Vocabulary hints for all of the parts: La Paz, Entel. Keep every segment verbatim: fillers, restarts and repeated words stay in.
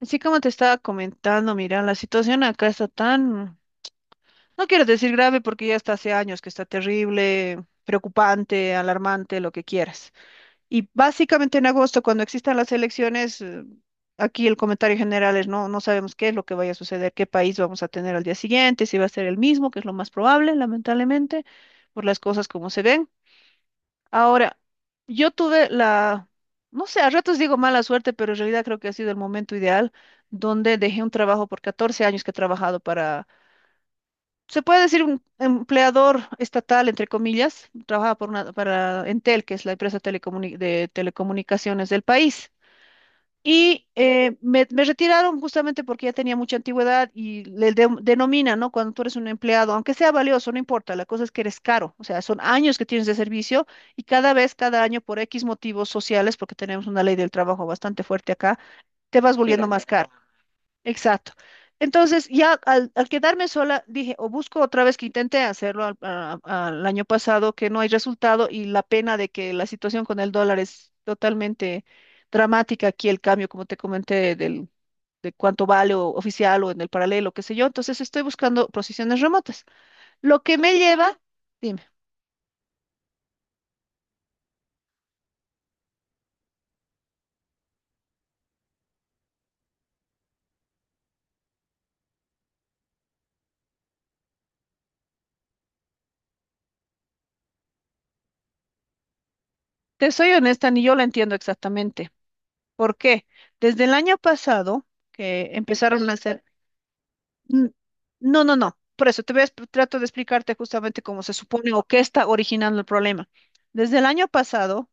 Así como te estaba comentando, mira, la situación acá está tan, no quiero decir grave porque ya está hace años que está terrible, preocupante, alarmante, lo que quieras. Y básicamente en agosto, cuando existan las elecciones, eh, aquí el comentario general es no, no sabemos qué es lo que vaya a suceder, qué país vamos a tener al día siguiente, si va a ser el mismo, que es lo más probable, lamentablemente, por las cosas como se ven. Ahora, yo tuve la, no sé, a ratos digo mala suerte, pero en realidad creo que ha sido el momento ideal donde dejé un trabajo por catorce años que he trabajado para, se puede decir, un empleador estatal, entre comillas, trabajaba por una- para Entel, que es la empresa telecomunic- de telecomunicaciones del país. Y eh, me, me retiraron justamente porque ya tenía mucha antigüedad y le de- denomina, ¿no? Cuando tú eres un empleado, aunque sea valioso, no importa, la cosa es que eres caro, o sea, son años que tienes de servicio y cada vez, cada año, por X motivos sociales, porque tenemos una ley del trabajo bastante fuerte acá, te vas volviendo, mira, más caro. Exacto. Entonces, ya al, al quedarme sola, dije, o busco otra vez, que intenté hacerlo al, a- a- al año pasado, que no hay resultado, y la pena de que la situación con el dólar es totalmente dramática aquí, el cambio, como te comenté, del, de cuánto vale, o oficial o en el paralelo, qué sé yo. Entonces, estoy buscando posiciones remotas. Lo que me lleva, dime, te soy honesta, ni yo lo entiendo exactamente. ¿Por qué? Desde el año pasado, que empezaron a hacer. N- No, no, no. Por eso te voy a exp- trato de explicarte justamente cómo se supone o qué está originando el problema. Desde el año pasado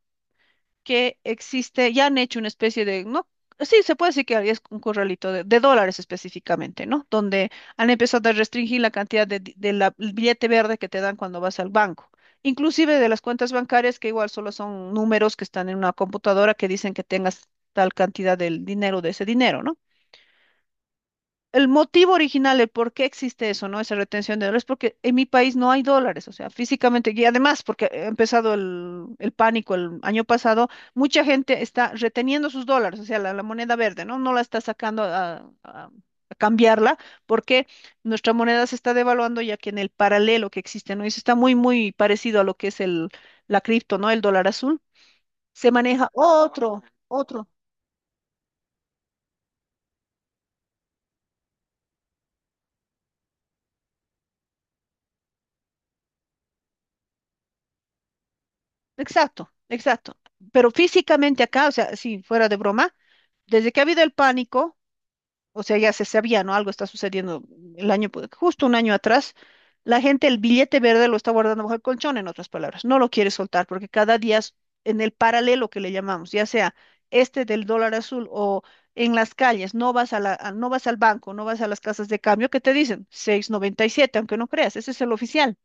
que existe, ya han hecho una especie de, no, sí, se puede decir que es un corralito de, de dólares específicamente, ¿no? Donde han empezado a restringir la cantidad de, di- de la- el billete verde que te dan cuando vas al banco. Inclusive de las cuentas bancarias, que igual solo son números que están en una computadora que dicen que tengas tal cantidad del dinero, de ese dinero, ¿no? El motivo original, el por qué existe eso, ¿no? Esa retención de dólares, porque en mi país no hay dólares, o sea, físicamente, y además, porque ha empezado el, el pánico el año pasado, mucha gente está reteniendo sus dólares, o sea, la, la moneda verde, ¿no? No la está sacando a, a- a cambiarla, porque nuestra moneda se está devaluando, ya que en el paralelo que existe, ¿no? Eso está muy, muy parecido a lo que es el, la cripto, ¿no? El dólar azul, se maneja otro, otro, exacto, exacto. Pero físicamente acá, o sea, si fuera de broma, desde que ha habido el pánico, o sea, ya se sabía, ¿no? Algo está sucediendo el año, pu- justo un año atrás, la gente el billete verde lo está guardando bajo el colchón, en otras palabras, no lo quiere soltar porque cada día es, en el paralelo que le llamamos, ya sea este del dólar azul, o en las calles, no vas a la, a- no vas al banco, no vas a las casas de cambio que te dicen seis noventa y siete, aunque no creas, ese es el oficial.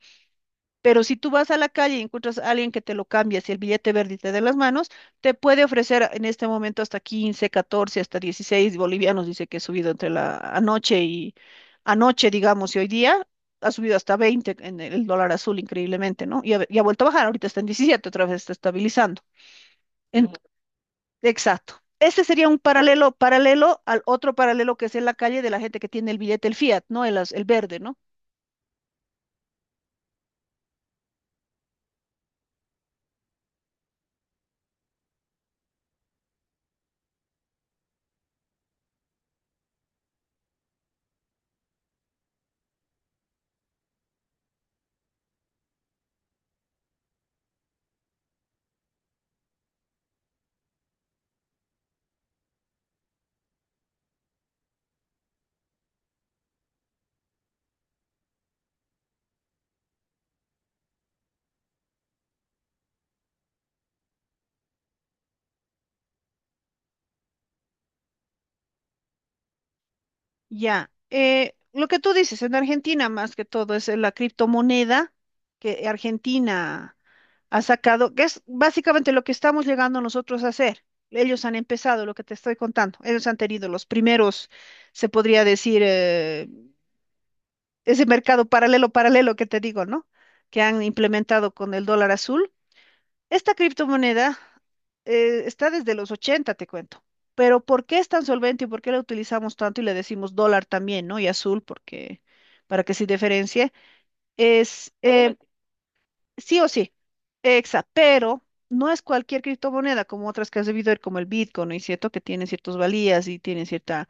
Pero si tú vas a la calle y encuentras a alguien que te lo cambia, si el billete verde te de las manos, te puede ofrecer en este momento hasta quince, catorce, hasta dieciséis bolivianos, dice que ha subido entre la anoche y anoche, digamos, y hoy día ha subido hasta veinte en el dólar azul, increíblemente, ¿no? Y ha, y ha vuelto a bajar, ahorita está en diecisiete, otra vez está estabilizando. En- Ujú. Exacto. Este sería un paralelo, paralelo al otro paralelo que es en la calle, de la gente que tiene el billete, el fiat, ¿no? El, az- el verde, ¿no? Ya, eh, lo que tú dices, en Argentina más que todo es, eh, la criptomoneda que Argentina ha sacado, que es básicamente lo que estamos llegando nosotros a hacer. Ellos han empezado lo que te estoy contando. Ellos han tenido los primeros, se podría decir, eh, ese mercado paralelo, paralelo que te digo, ¿no? Que han implementado con el dólar azul. Esta criptomoneda, eh, está desde los ochenta, te cuento. Pero ¿por qué es tan solvente y por qué la utilizamos tanto y le decimos dólar también? ¿No? Y azul, porque para que se diferencie, es, eh, sí o sí, exa, pero no es cualquier criptomoneda, como otras que has debido ver, como el Bitcoin, ¿no es cierto? Que tienen ciertas valías y tienen cierta,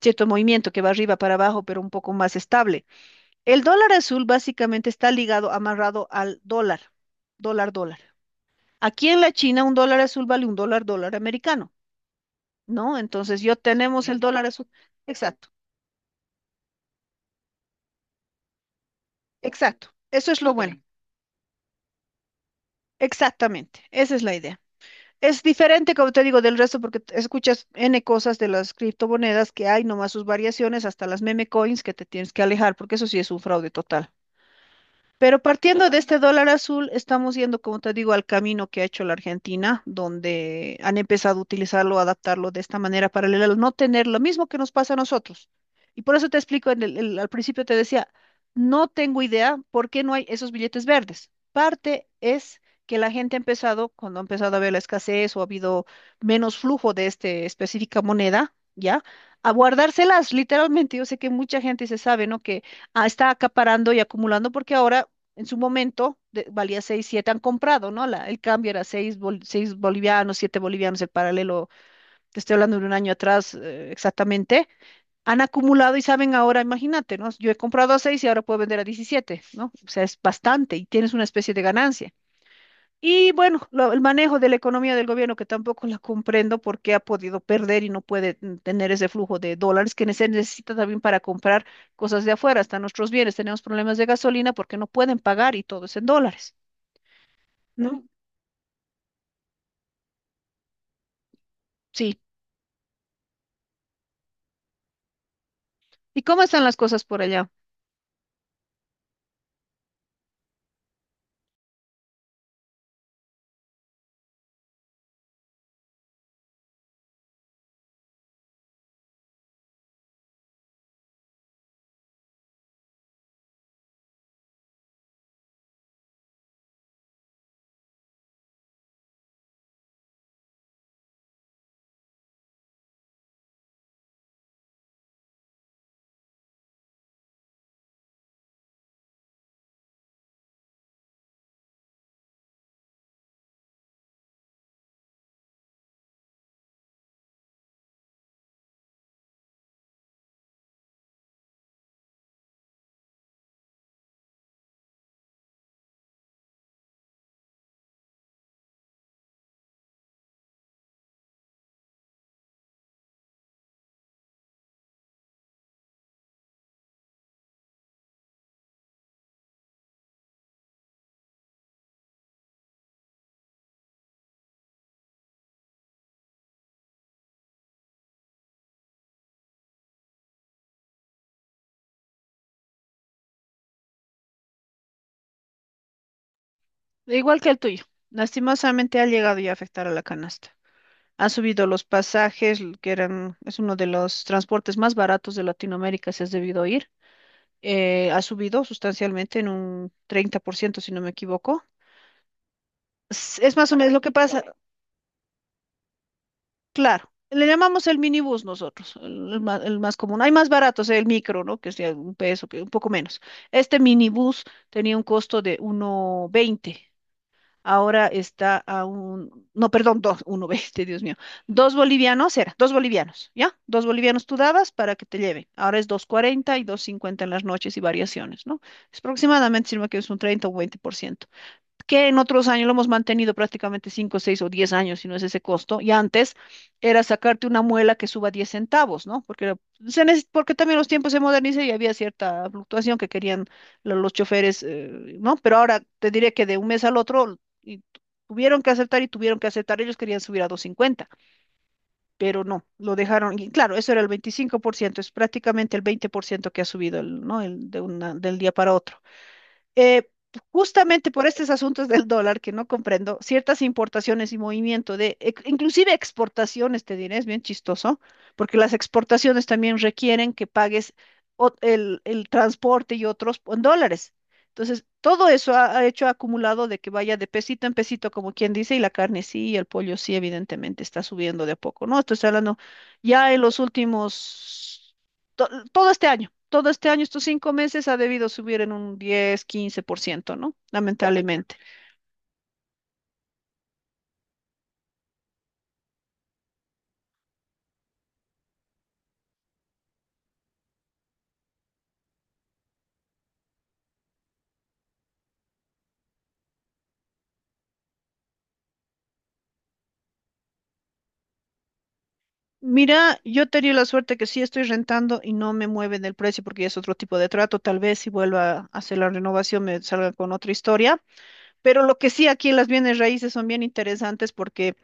cierto movimiento que va arriba para abajo, pero un poco más estable. El dólar azul básicamente está ligado, amarrado al dólar, dólar, dólar. Aquí en la China un dólar azul vale un dólar, dólar americano, ¿no? Entonces yo tenemos el, sí, dólar azul. Exacto, exacto. Eso es lo, OK, bueno. Exactamente. Esa es la idea. Es diferente, como te digo, del resto, porque t- escuchas N cosas de las criptomonedas que hay, nomás sus variaciones, hasta las meme coins, que te tienes que alejar, porque eso sí es un fraude total. Pero partiendo de este dólar azul, estamos yendo, como te digo, al camino que ha hecho la Argentina, donde han empezado a utilizarlo, a adaptarlo de esta manera paralela, al no tener lo mismo que nos pasa a nosotros. Y por eso te explico, en el- el- al principio te decía, no tengo idea por qué no hay esos billetes verdes. Parte es que la gente ha empezado, cuando ha empezado a haber la escasez o ha habido menos flujo de esta específica moneda, ¿ya? A guardárselas, literalmente. Yo sé que mucha gente se sabe, ¿no? Que, ah, está acaparando y acumulando, porque ahora, en su momento, de- valía seis, siete, han comprado, ¿no? La- el cambio era seis, bol- seis bolivianos, siete bolivianos, el paralelo, te estoy hablando de un año atrás, eh, exactamente, han acumulado y saben ahora, imagínate, ¿no? Yo he comprado a seis y ahora puedo vender a diecisiete, ¿no? O sea, es bastante y tienes una especie de ganancia. Y bueno, lo- el manejo de la economía del gobierno, que tampoco la comprendo porque ha podido perder y no puede, mm, tener ese flujo de dólares que se necesita también para comprar cosas de afuera, hasta nuestros bienes. Tenemos problemas de gasolina porque no pueden pagar y todo es en dólares. ¿No? Sí. ¿Y cómo están las cosas por allá? Igual que el tuyo. Lastimosamente ha llegado ya a afectar a la canasta. Han subido los pasajes, l- que eran, es uno de los transportes más baratos de Latinoamérica, si has debido oír. Eh, ha subido sustancialmente en un treinta por ciento, si no me equivoco. Es es más o menos lo que pasa, claro. Le llamamos el minibús nosotros, el, el ma- el más común. Hay más baratos, el micro, ¿no? Que es de un peso, que un poco menos. Este minibús tenía un costo de uno veinte. Ahora está a un, no, perdón, dos, uno, veinte, Dios mío, dos bolivianos era, dos bolivianos, ¿ya? Dos bolivianos tú dabas para que te lleven. Ahora es dos cuarenta y dos cincuenta en las noches y variaciones, ¿no? Es aproximadamente, si no me equivoco, es un treinta o un veinte por ciento, que en otros años lo hemos mantenido prácticamente cinco, seis o diez años, si no es ese costo, y antes era sacarte una muela que suba diez centavos, ¿no? Porque era- se neces- porque también los tiempos se modernizan y había cierta fluctuación que querían lo- los choferes, eh, ¿no? Pero ahora te diré que de un mes al otro, y tu- tuvieron que aceptar y tuvieron que aceptar, ellos querían subir a dos cincuenta, pero no, lo dejaron, y claro, eso era el veinticinco por ciento, es prácticamente el veinte por ciento que ha subido, el, ¿no? El, de una, del día para otro, eh, justamente por estos asuntos del dólar que no comprendo, ciertas importaciones y movimiento de, e- inclusive exportaciones, te diré, es bien chistoso, porque las exportaciones también requieren que pagues, o- el, el transporte y otros en dólares. Entonces, todo eso ha, ha hecho acumulado de que vaya de pesito en pesito, como quien dice, y la carne sí, y el pollo sí, evidentemente está subiendo de a poco, ¿no? Estoy hablando ya en los últimos, to- todo este año, todo este año, estos cinco meses ha debido subir en un diez, quince por ciento, ¿no? Lamentablemente. Mira, yo tenía la suerte que sí estoy rentando y no me mueven el precio porque ya es otro tipo de trato. Tal vez si vuelva a hacer la renovación me salga con otra historia. Pero lo que sí, aquí en las bienes raíces son bien interesantes, porque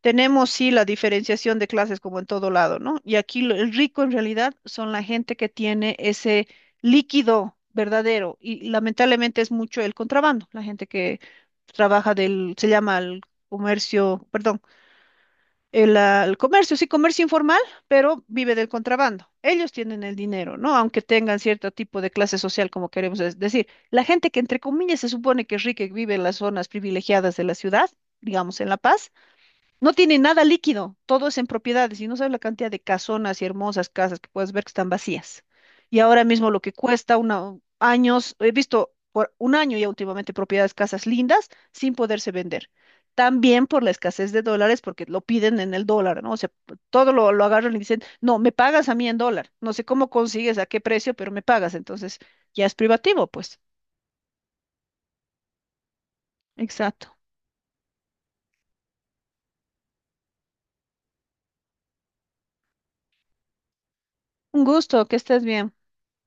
tenemos sí la diferenciación de clases como en todo lado, ¿no? Y aquí, lo- el rico en realidad son la gente que tiene ese líquido verdadero, y lamentablemente es mucho el contrabando, la gente que trabaja del, se llama el comercio, perdón, el, ah, el comercio, sí, comercio informal, pero vive del contrabando. Ellos tienen el dinero, ¿no? Aunque tengan cierto tipo de clase social, como queremos es decir. La gente que, entre comillas, se supone que es rica y vive en las zonas privilegiadas de la ciudad, digamos en La Paz, no tiene nada líquido, todo es en propiedades, y no sabes la cantidad de casonas y hermosas casas que puedes ver que están vacías. Y ahora mismo lo que cuesta una, años, he visto por un año ya últimamente, propiedades, casas lindas sin poderse vender. También por la escasez de dólares, porque lo piden en el dólar, ¿no? O sea, p- todo lo, lo, agarran y dicen, no, me pagas a mí en dólar. No sé cómo consigues, a qué precio, pero me pagas. Entonces, ya es privativo, pues. Exacto. Un gusto, que estés bien.